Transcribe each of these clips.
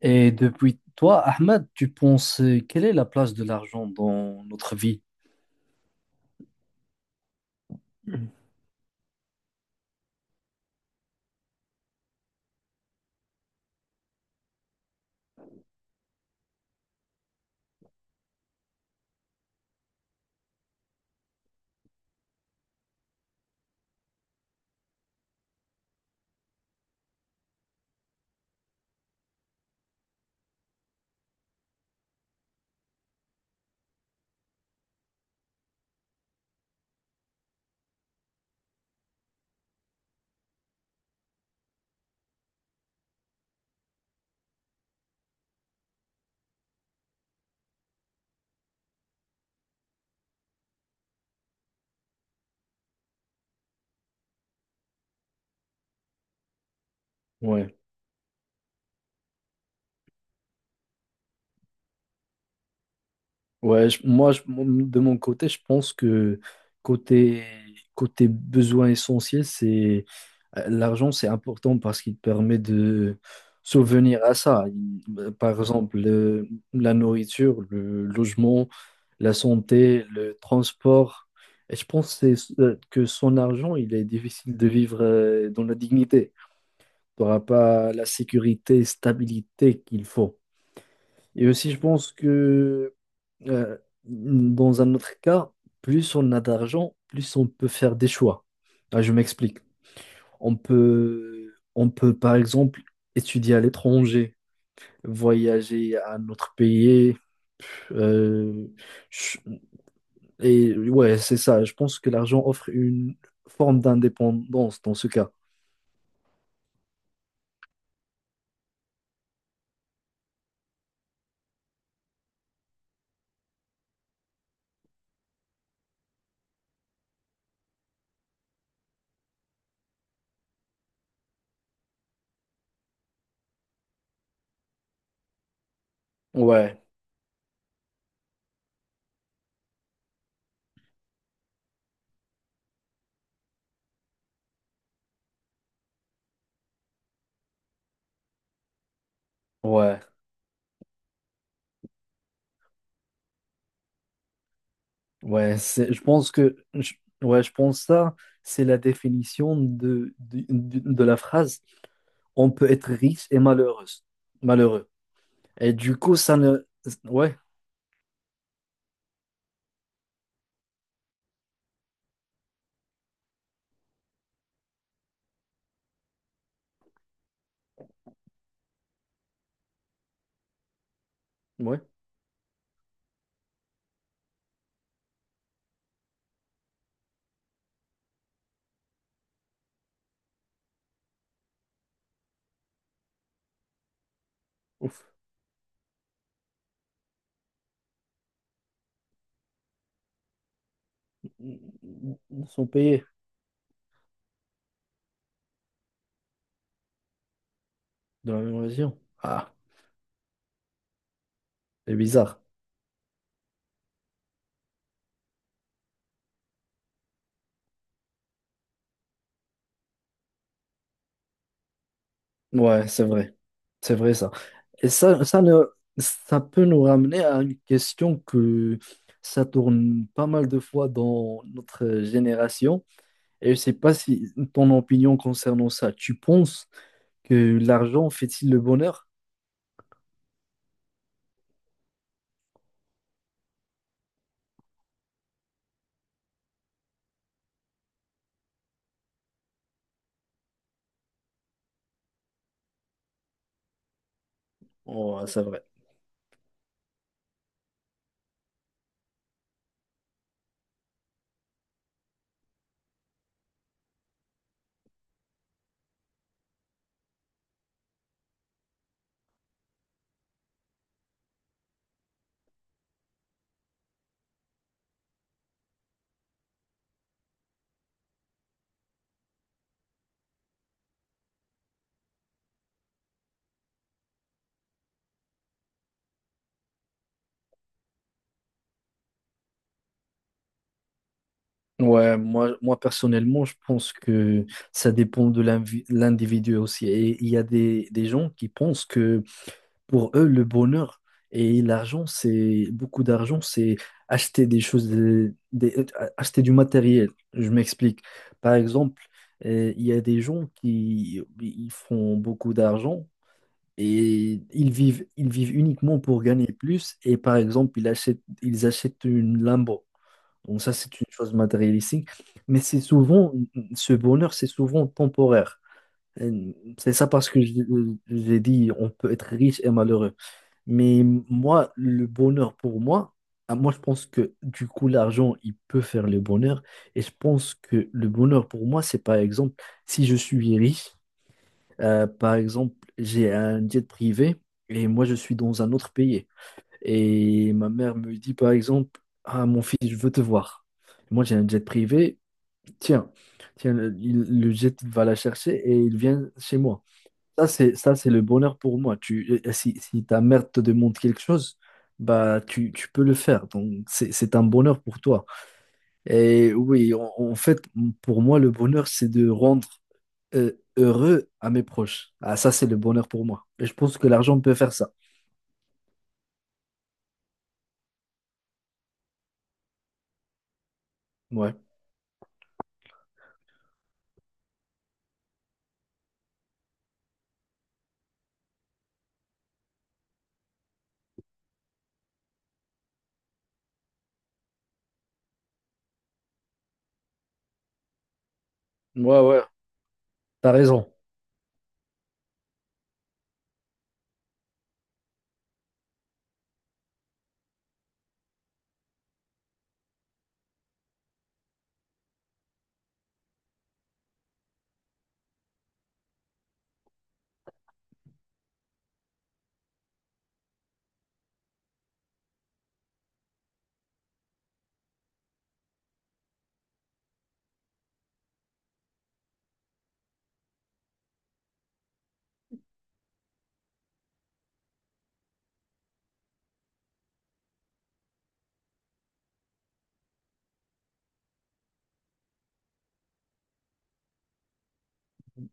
Et depuis toi, Ahmed, tu penses quelle est la place de l'argent dans notre vie? Ouais, de mon côté, je pense que côté, côté besoin essentiel, c'est l'argent, c'est important parce qu'il permet de souvenir à ça. Par exemple, le- la nourriture, le logement, la santé, le transport. Et je pense que que son argent, il est difficile de vivre dans la dignité. Tu n'auras pas la sécurité, stabilité qu'il faut. Et aussi, je pense que euh, dans un autre cas, plus on a d'argent, plus on peut faire des choix. Ah, je m'explique. On peut, par exemple, étudier à l'étranger, voyager à un autre pays. euh, je- et ouais, c'est ça. Je pense que l'argent offre une forme d'indépendance dans ce cas. Ouais. Ouais, ouais, c'est, je pense que, je- ouais, je pense ça, c'est la définition de la phrase. On peut être riche et malheureux. Et du coup, ça ne, ouais, ouais, ouf, ils sont payés dans la même région. Ah, c'est bizarre. Ouais, c'est vrai ça. Et ça, ça ne, ça peut nous ramener à une question que ça tourne pas mal de fois dans notre génération. Et je sais pas si ton opinion concernant ça, tu penses que l'argent fait-il le bonheur? Oh, c'est vrai. Ouais, moi, moi personnellement, je pense que ça dépend de l'individu aussi. Et il y a des gens qui pensent que pour eux, le bonheur et l'argent, c'est beaucoup d'argent, c'est acheter des choses, acheter du matériel. Je m'explique. Par exemple, il y a des gens qui ils font beaucoup d'argent et ils vivent uniquement pour gagner plus. Et par exemple, ils achètent une Lambo. Donc ça, c'est une chose matérialistique. Mais c'est souvent, ce bonheur, c'est souvent temporaire. Euh, C'est ça parce que j'ai dit, on peut être riche et malheureux. Mais moi, le bonheur pour moi, ah, moi je pense que du coup l'argent, il peut faire le bonheur. Et je pense que le bonheur pour moi, c'est par exemple, si je suis riche, par exemple, j'ai un jet privé et moi je suis dans un autre pays. Et ma mère me dit par exemple, ah mon fils, je veux te voir. Moi j'ai un jet privé, tiens, tiens, le jet va la chercher et il vient chez moi. Ça, c'est le bonheur pour moi. Si, si ta mère te demande quelque chose, bah, tu peux le faire. Donc, c'est un bonheur pour toi. Et oui, en fait, pour moi, le bonheur, c'est de rendre euh, heureux à mes proches. Ah, ça, c'est le bonheur pour moi. Et je pense que l'argent peut faire ça. Ouais. Ouais, ouais. T'as raison.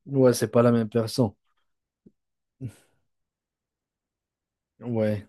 Ouais, c'est pas la même personne. Ouais.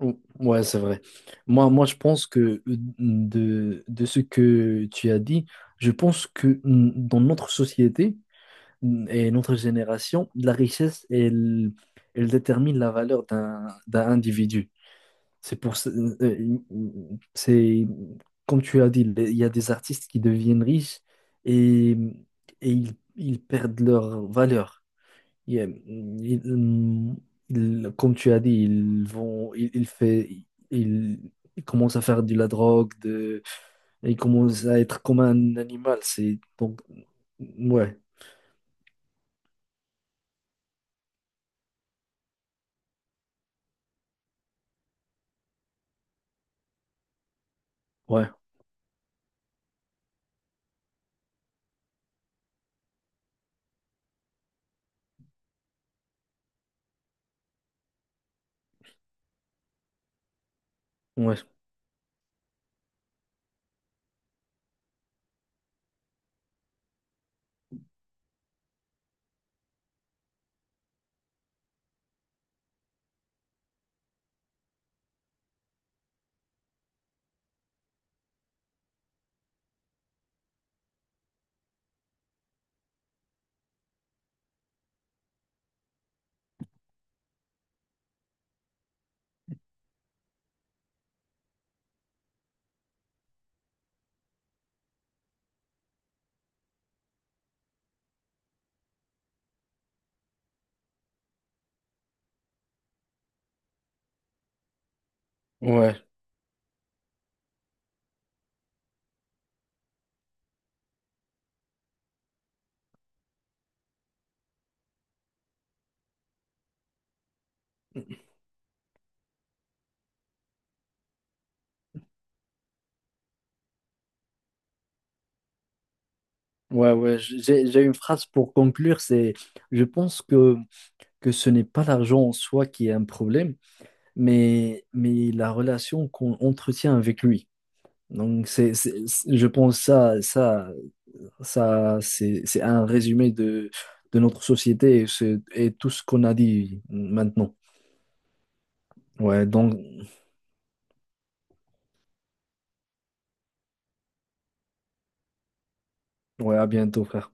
Ou- Ouais, c'est vrai. Moi, moi, je pense que de ce que tu as dit, je pense que mm, dans notre société, et notre génération, la richesse, elle, elle détermine la valeur d'un individu. C'est comme tu as dit, il y a des artistes qui deviennent riches et, et ils perdent leur valeur. Il y a- ils- ils- Comme tu as dit, ils vont, ils fait, ils, ils commencent à faire de la drogue, de, ils commencent à être comme un animal. C'est donc ouais, ouais, ouais. Ouais. Ouais, ouais, j'ai une phrase pour conclure, c'est je pense que ce n'est pas l'argent en soi qui est un problème, mais la relation qu'on entretient avec lui. Donc, je pense c'est un résumé de notre société et, c'est- et tout ce qu'on a dit maintenant. Ouais, donc, ouais, à bientôt, frère.